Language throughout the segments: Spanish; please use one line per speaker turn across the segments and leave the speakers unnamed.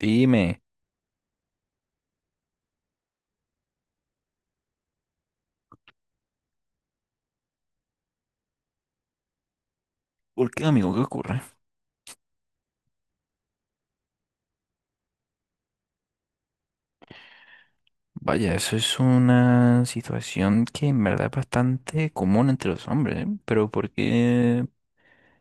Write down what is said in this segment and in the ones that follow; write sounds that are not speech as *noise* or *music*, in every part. Dime, ¿por qué, amigo? ¿Qué ocurre? Vaya, eso es una situación que en verdad es bastante común entre los hombres, ¿eh? Pero ¿por qué?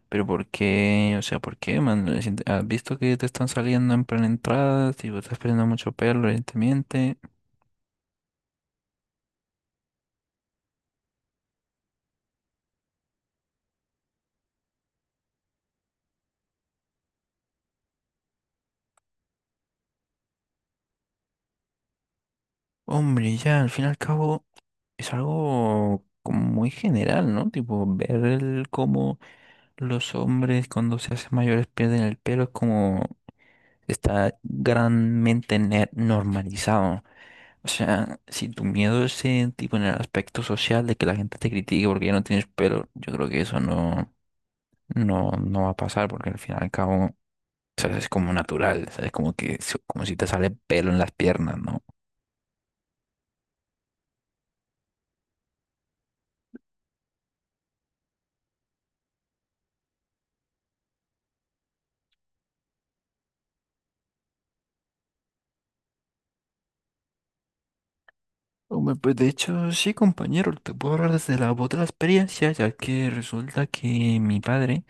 Pero ¿por qué? O sea, ¿por qué, man? Es ¿Has visto que te están saliendo en plan entradas? Tipo, estás perdiendo mucho pelo, evidentemente. Hombre, ya, al fin y al cabo, es algo como muy general, ¿no? Tipo, ver el cómo los hombres cuando se hacen mayores pierden el pelo es como... Está granmente normalizado. O sea, si tu miedo es en, tipo en el aspecto social de que la gente te critique porque ya no tienes pelo, yo creo que eso no va a pasar porque al fin y al cabo, ¿sabes? Es como natural, ¿sabes? Como que, es como si te sale pelo en las piernas, ¿no? Hombre, pues de hecho, sí, compañero, te puedo hablar desde la voz de la experiencia, ya que resulta que mi padre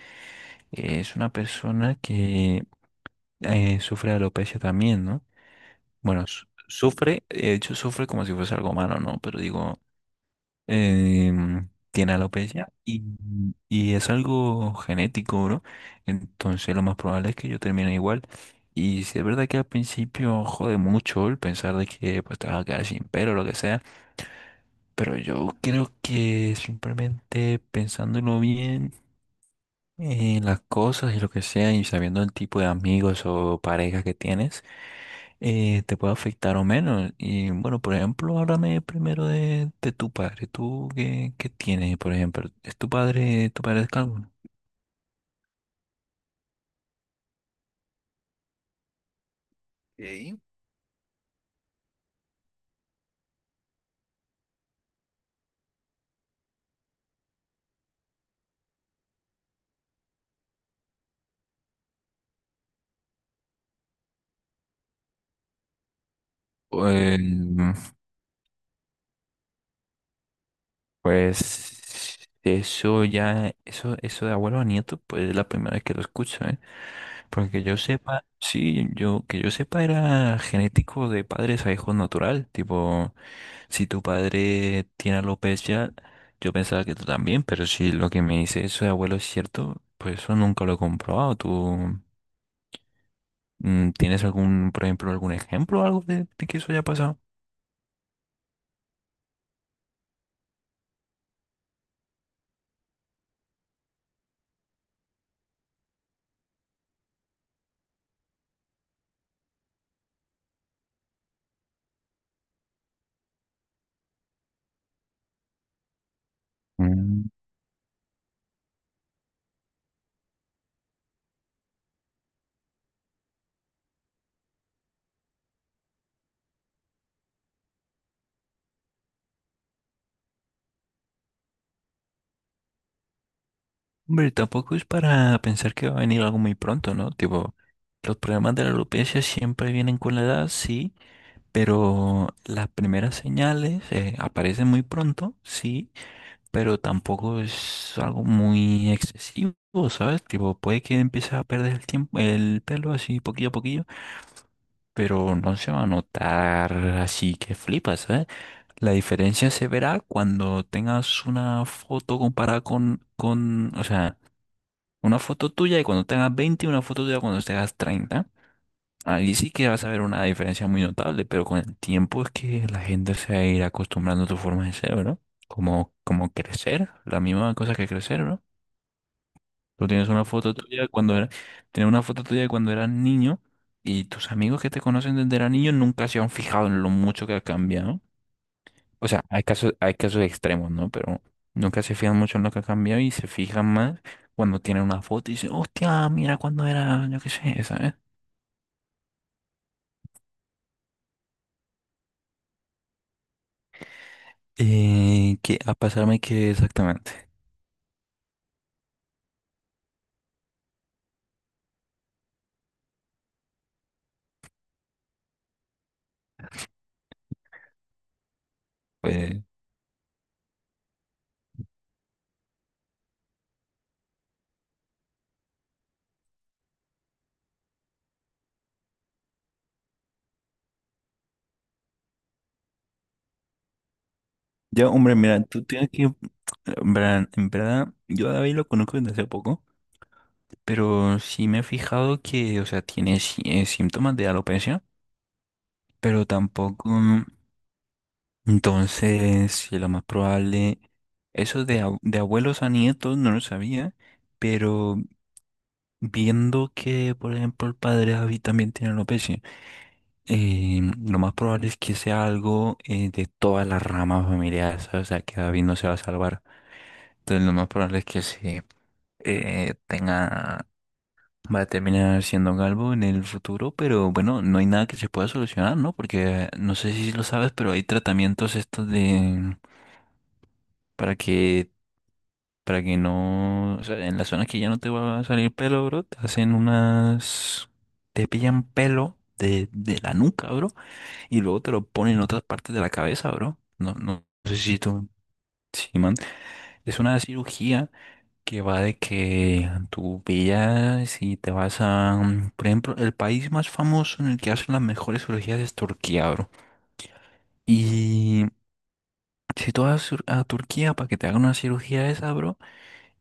es una persona que sufre de alopecia también, ¿no? Bueno, sufre, de hecho, sufre como si fuese algo malo, ¿no? Pero digo... tiene alopecia y es algo genético, bro. Entonces lo más probable es que yo termine igual. Y si es verdad que al principio jode mucho el pensar de que pues te vas a quedar sin pelo o lo que sea, pero yo creo que simplemente pensándolo bien en las cosas y lo que sea y sabiendo el tipo de amigos o parejas que tienes, te puede afectar o menos. Y bueno, por ejemplo, háblame primero de tu padre. ¿Tú qué, qué tienes, por ejemplo? ¿Es tu padre es calvo? Ok. O, eh, Eh, Pues eso ya, eso de abuelo a nieto, pues es la primera vez que lo escucho, ¿eh? Porque yo sepa, sí, yo, que yo sepa era genético de padres a hijos natural, tipo, si tu padre tiene alopecia, yo pensaba que tú también, pero si lo que me dice eso de abuelo es cierto, pues eso nunca lo he comprobado. ¿Tú tienes algún, por ejemplo, algún ejemplo o algo de que eso haya pasado? Mm. Hombre, tampoco es para pensar que va a venir algo muy pronto, ¿no? Tipo, los problemas de la alopecia siempre vienen con la edad, sí, pero las primeras señales aparecen muy pronto, sí, pero tampoco es algo muy excesivo, ¿sabes? Tipo, puede que empieces a perder el tiempo, el pelo así poquillo a poquillo, pero no se va a notar así que flipas, ¿sabes? La diferencia se verá cuando tengas una foto comparada con, o sea, una foto tuya de cuando tengas 20 y una foto tuya cuando tengas treinta. Ahí sí que vas a ver una diferencia muy notable, pero con el tiempo es que la gente se va a ir acostumbrando a tu forma de ser, ¿no? Como, como crecer, la misma cosa que crecer, ¿no? Tú tienes una foto tuya de cuando era, tienes una foto tuya de cuando eras niño y tus amigos que te conocen desde era niño nunca se han fijado en lo mucho que ha cambiado. O sea, hay casos extremos, ¿no? Pero nunca se fijan mucho en lo que ha cambiado y se fijan más cuando tienen una foto y dicen, hostia, mira cuando era, yo qué sé, ¿sabes? ¿Qué a pasarme qué exactamente? Pues, ya, hombre, mira, tú tienes que, en verdad, yo a David lo conozco desde hace poco, pero sí me he fijado que, o sea, tiene síntomas de alopecia, pero tampoco. Entonces, sí, lo más probable, eso de de abuelos a nietos no lo sabía, pero viendo que, por ejemplo, el padre David también tiene alopecia, eh, lo más probable es que sea algo de todas las ramas familiares, ¿sabes? O sea, que David no se va a salvar. Entonces, lo más probable es que sí eh, tenga, va a terminar siendo galvo en el futuro, pero bueno, no hay nada que se pueda solucionar, ¿no? Porque no sé si lo sabes, pero hay tratamientos estos de para que... Para que no, o sea, en las zonas que ya no te va a salir pelo, bro, te hacen unas, te pillan pelo de la nuca, bro, y luego te lo ponen en otras partes de la cabeza, bro. No sé si tú, sí, man. Es una cirugía que va de que tú pillas y te vas a, por ejemplo, el país más famoso en el que hacen las mejores cirugías es Turquía, bro. Y si tú vas a a Turquía para que te hagan una cirugía de esa, bro,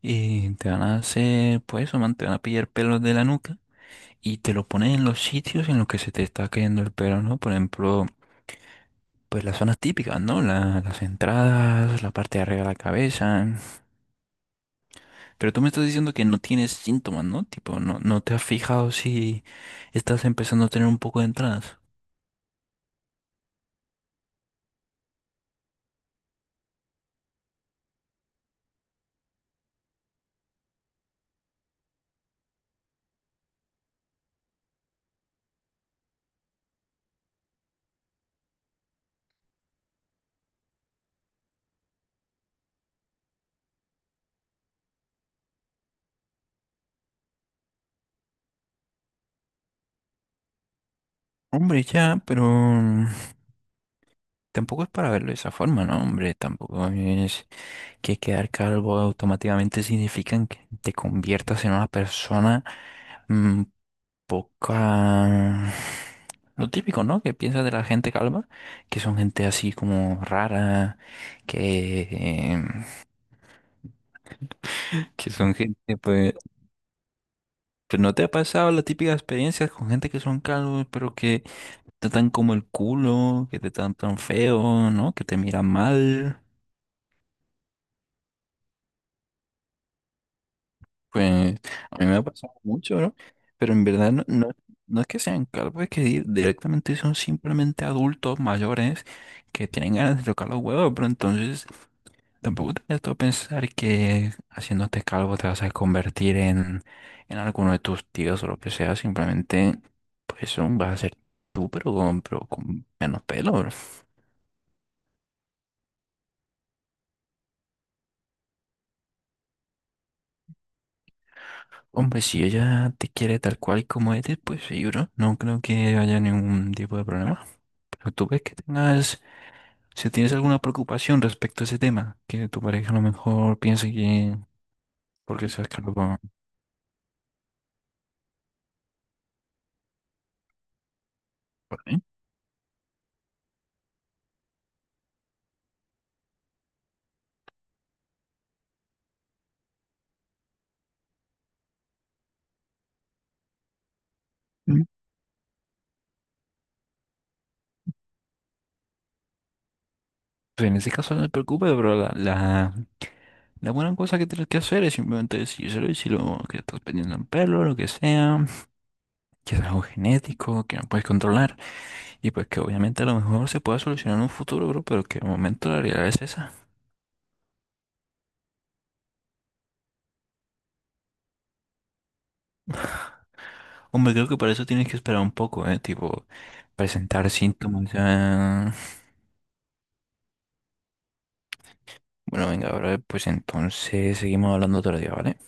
y te van a hacer, pues eso, man, te van a pillar pelos de la nuca y te lo pones en los sitios en los que se te está cayendo el pelo, ¿no? Por ejemplo, pues las zonas típicas, ¿no? Las entradas, la parte de arriba de la cabeza. Pero tú me estás diciendo que no tienes síntomas, ¿no? Tipo, no te has fijado si estás empezando a tener un poco de entradas. Hombre, ya, pero tampoco es para verlo de esa forma, ¿no? Hombre, tampoco es que quedar calvo automáticamente significa que te conviertas en una persona mm, poca... Lo típico, ¿no? Que piensas de la gente calva, que son gente así como rara, que, *laughs* que son gente, pues, pues, ¿no te ha pasado la típica experiencia con gente que son calvos, pero que te tratan como el culo, que te tratan tan feo, ¿no? Que te miran mal. Pues a mí me ha pasado mucho, ¿no? Pero en verdad no es que sean calvos, es que directamente son simplemente adultos mayores que tienen ganas de tocar los huevos, pero entonces tampoco te metas a pensar que haciéndote calvo te vas a convertir en alguno de tus tíos o lo que sea. Simplemente, pues, vas a ser tú, pero con menos pelo, bro. Hombre, si ella te quiere tal cual y como eres, pues sí, bro. No creo que haya ningún tipo de problema. Pero tú ves que tengas, si tienes alguna preocupación respecto a ese tema, que tu pareja a lo mejor piense que porque seas calvo, por mí. Mm. Pues en ese caso no te preocupes, bro. La buena cosa que tienes que hacer es simplemente decírselo y si lo que estás perdiendo en pelo, lo que sea, que es algo genético, que no puedes controlar y pues que obviamente a lo mejor se pueda solucionar en un futuro, bro, pero que de momento la realidad es esa. Hombre, creo que para eso tienes que esperar un poco, ¿eh? Tipo, presentar síntomas. Ah. Bueno, venga, bro, pues entonces seguimos hablando otro día, ¿vale?